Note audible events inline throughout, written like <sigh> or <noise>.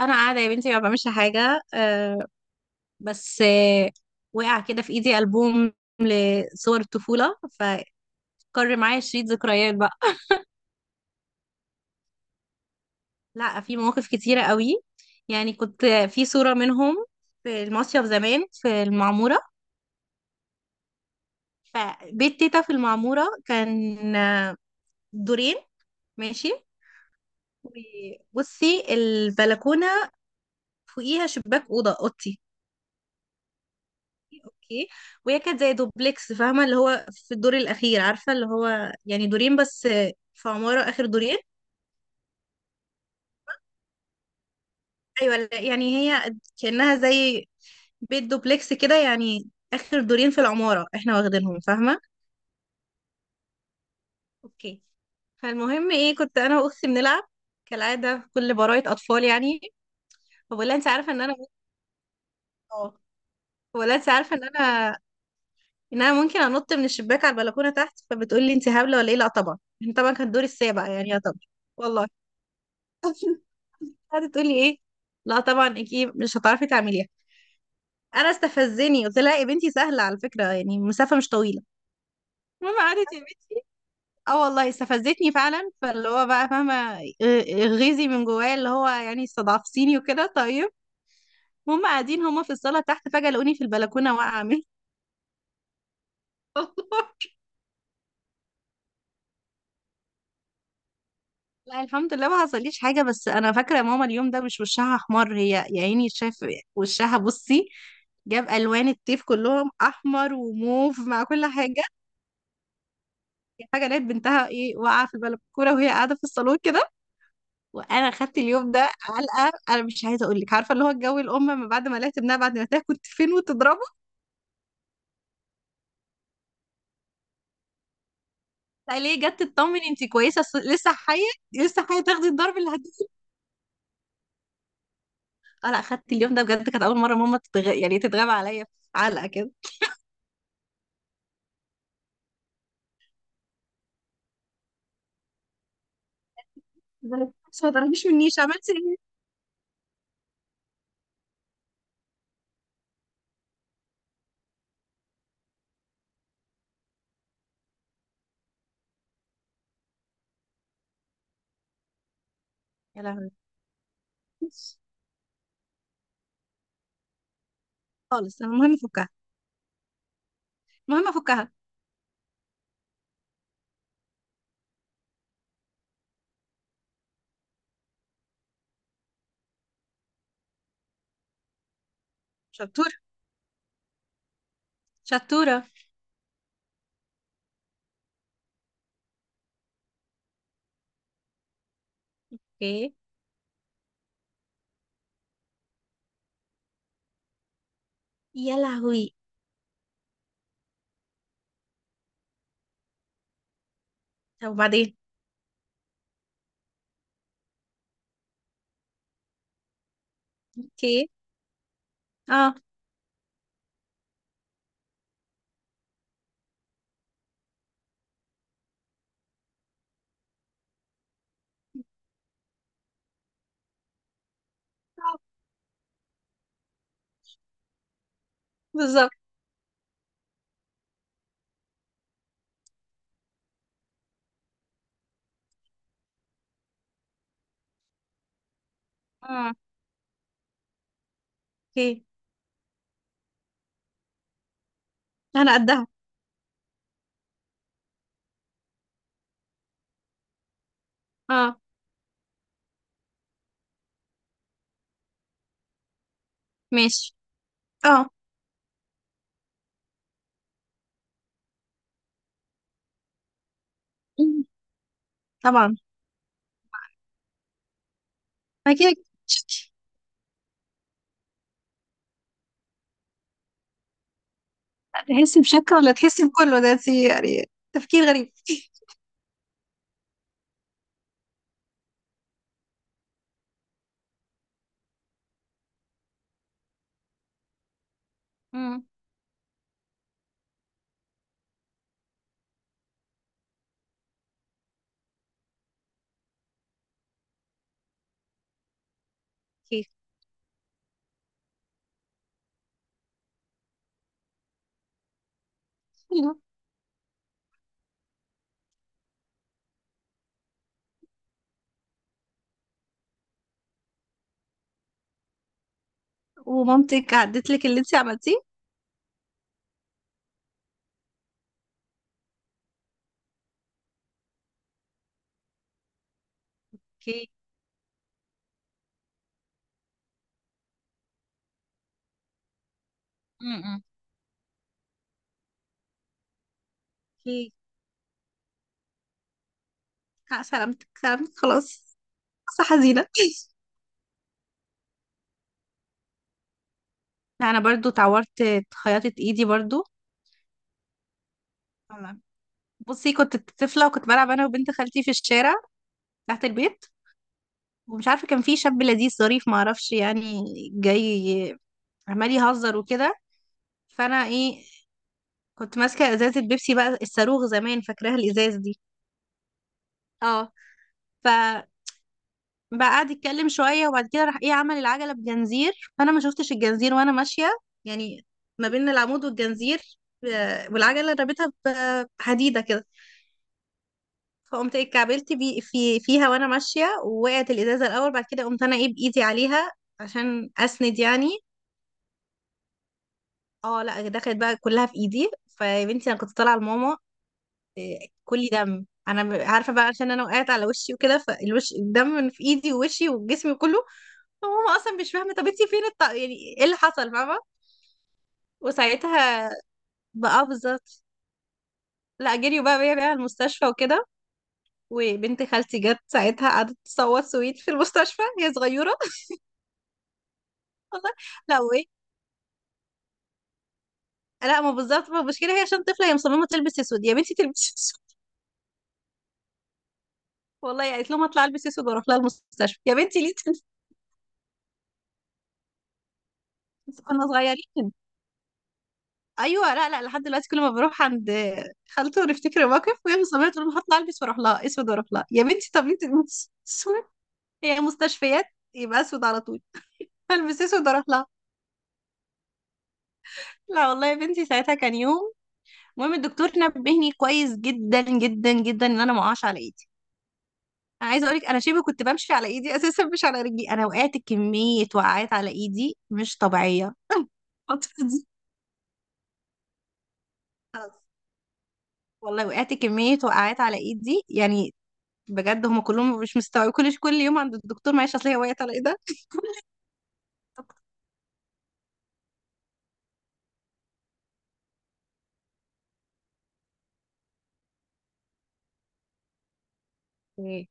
انا قاعده يا بنتي ما بعملش حاجه. آه، بس. آه، وقع كده في ايدي البوم لصور الطفوله، فكر معايا شريط ذكريات بقى. <laughs> لا، في مواقف كتيره قوي. يعني كنت في صوره منهم في المصيف زمان في المعموره. فبيت تيتا في المعموره كان دورين. ماشي. وبصي البلكونه فوقيها شباك اوضه اوضتي. اوكي. وهي كانت زي دوبلكس، فاهمه؟ اللي هو في الدور الاخير، عارفه؟ اللي هو يعني دورين بس في عماره، اخر دورين. ايوه، لا، يعني هي كانها زي بيت دوبلكس كده، يعني اخر دورين في العماره احنا واخدينهم، فاهمه؟ اوكي. فالمهم ايه، كنت انا واختي بنلعب كالعاده، كل براءه اطفال يعني. فبقول لها انت عارفه ان انا ممكن. اه. بقول لها انت عارفه ان انا ممكن انط من الشباك على البلكونه تحت. فبتقول لي انت هبله ولا ايه، لا طبعا، احنا طبعا كان دور السابع يعني، يا طبعا. والله. قعدت تقولي ايه، لا طبعا اكيد مش هتعرفي تعمليها. انا استفزني، قلت لها يا بنتي سهله على فكره، يعني المسافه مش طويله. المهم قعدت يا بنتي، اه والله استفزتني فعلا. فاللي هو بقى فاهمه، غيظي من جوايا، اللي هو يعني استضعفتيني وكده. طيب، هم قاعدين هم في الصاله تحت، فجاه لقوني في البلكونه واقعه مني. <laughs> والله. لا الحمد لله ما حصليش حاجه. بس انا فاكره ماما اليوم ده مش وشها احمر، هي يا عيني شايف وشها، بصي، جاب الوان الطيف كلهم، احمر وموف مع كل حاجه. حاجه، لقيت بنتها ايه واقعه في البلكونه وهي قاعده في الصالون كده. وانا خدت اليوم ده علقه، انا مش عايزه اقول لك. عارفه اللي هو الجو الام ما بعد ما لقيت ابنها، بعد ما تاكل كنت فين وتضربه. لا ليه، جت تطمن انت كويسه، لسه حيه، لسه حيه تاخدي الضرب اللي هتجيبه. اه لا خدت اليوم ده بجد، كانت اول مره ماما يعني تتغاب عليا علقه كده. بس ما تقربيش منيش، عملتي ايه؟ يا لهوي. خالص. المهم افكها. المهم افكها. شطوره. شطوره. ايه. يا لهوي. طب وبعدين. اوكي. اه. آه، بالظبط. اه. اوكي. انا قدها. اه. ماشي. اه. مم. طبعا. اكيد. تحسي بشكل ولا تحسي بكله؟ ده انت يعني تفكير غريب. امم. اوكي. حلو. ومامتك عدت لك اللي انت عملتيه؟ اوكي. امم. اوكي. آه، سلامتك، سلامتك. خلاص. قصة حزينة. انا برضو اتعورت، خياطة ايدي برضو. والله. بصي، كنت طفلة وكنت بلعب انا وبنت خالتي في الشارع تحت البيت. ومش عارفة، كان في شاب لذيذ ظريف، معرفش يعني، جاي عمال يهزر وكده. فانا ايه، كنت ماسكه ازازه بيبسي بقى، الصاروخ زمان، فاكراها الازاز دي؟ اه. ف بقى، قعد يتكلم شويه وبعد كده راح ايه، عمل العجله بجنزير. فانا ما شفتش الجنزير وانا ماشيه، يعني ما بين العمود والجنزير، آه، والعجله رابطها بحديده كده. فقمت ايه اتكعبلت بي فيها وانا ماشيه، ووقعت الازازه الاول، بعد كده قمت انا ايه بايدي عليها عشان اسند يعني. اه لا دخلت بقى كلها في ايدي، فيا بنتي انا كنت طالعه لماما. إيه، كلي دم انا، عارفه بقى، عشان انا وقعت على وشي وكده، فالوش الدم من في ايدي ووشي وجسمي كله. فماما اصلا مش فاهمه، طب انتي فين يعني ايه اللي حصل، فاهمه؟ وساعتها بقى آه، بالظبط. لا جريوا بقى بيا بقى على المستشفى وكده، وبنت خالتي جت ساعتها قعدت تصوت سويت في المستشفى، هي صغيره. <laughs> والله. لا وايه، لا ما بالظبط، ما المشكله هي عشان طفله، هي مصممه تلبس اسود، يا بنتي تلبسي اسود. والله قالت لهم هطلع البس اسود واروح لها المستشفى، يا بنتي ليه تلبسي أسود؟ كنا صغيرين. ايوه لا لا، لحد دلوقتي كل ما بروح عند خالته ونفتكر الموقف وهي مصممه تقول لي هطلع البس واروح لها اسود، واروح لها يا بنتي، طب انت <laughs> اسود، هي مستشفيات، يبقى اسود على طول. هلبس اسود واروح لها. لا والله يا بنتي ساعتها كان يوم. المهم الدكتور نبهني كويس جدا جدا جدا ان انا ما اقعش على ايدي. انا عايزه اقولك انا شبه كنت بمشي على ايدي <laughs> اساسا، مش على رجلي، انا وقعت كميه وقعات على ايدي مش طبيعيه الفترة دي. والله وقعت كمية وقعات على ايدي يعني، بجد هم كلهم مش مستوعبين، كل يوم عند الدكتور، معلش، اصل هي وقعت على ايه ده. ايه.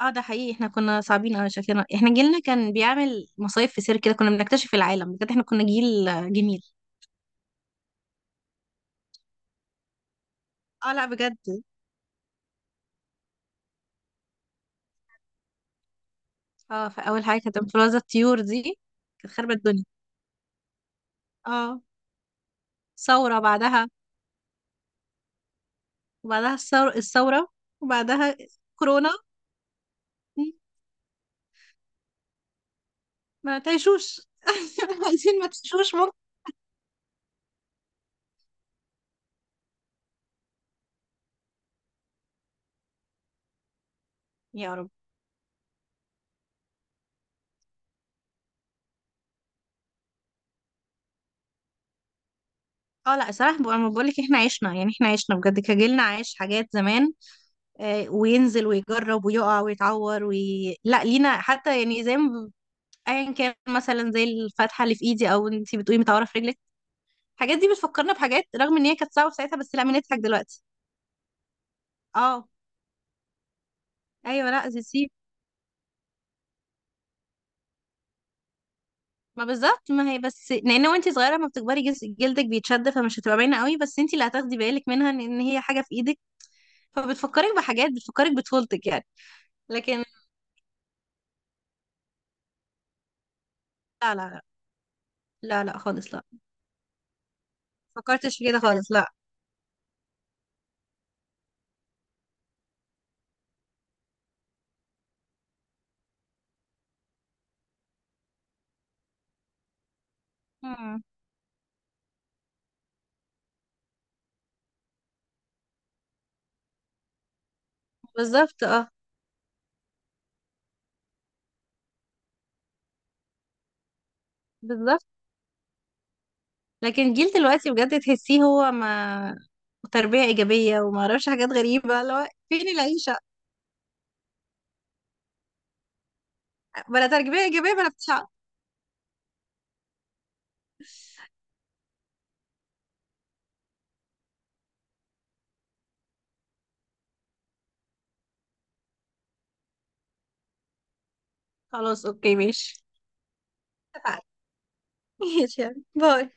اه ده حقيقي، احنا كنا صعبين قوي شكلنا، احنا جيلنا كان بيعمل مصايف في سير كده، كنا بنكتشف العالم بجد، احنا كنا جيل آه، جميل. اه لا بجد. اه، فاول حاجه كانت انفلونزا الطيور دي، كانت خربت الدنيا. اه. ثوره بعدها. وبعدها الثوره. وبعدها كورونا. م، ما تعيشوش. <laughs> عايزين ما تعيشوش، ممكن. يا رب. اه لا صراحه انا بقول لك احنا عشنا، يعني احنا عشنا بجد كجيلنا، عايش حاجات زمان آه، وينزل ويجرب ويقع ويتعور لا لينا حتى يعني، زي ما ايا كان مثلا زي الفتحه اللي في ايدي، او انتي بتقولي متعوره في رجلك، الحاجات دي بتفكرنا بحاجات، رغم ان هي كانت صعبه في ساعتها، بس لا بنضحك دلوقتي. اه. ايوه لا سيب. ما بالظبط، ما هي بس لان وانتي صغيره ما بتكبري، جلدك بيتشد، فمش هتبقى باينه قوي، بس انتي اللي هتاخدي بالك منها إن هي حاجه في ايدك، فبتفكرك بحاجات، بتفكرك بطفولتك يعني. لكن، لا، لا خالص لا. فكرتش في كده خالص، لا. مم. بالظبط، اه، بالظبط. لكن الجيل دلوقتي بجد تحسيه، هو ما تربية إيجابية وما أعرفش حاجات غريبة، اللي هو فين العيشة. بلا تربية إيجابية بلا بتاع. خلاص أوكي، ماشي. اتفقنا. <laughs> ماشي، يعني، باي.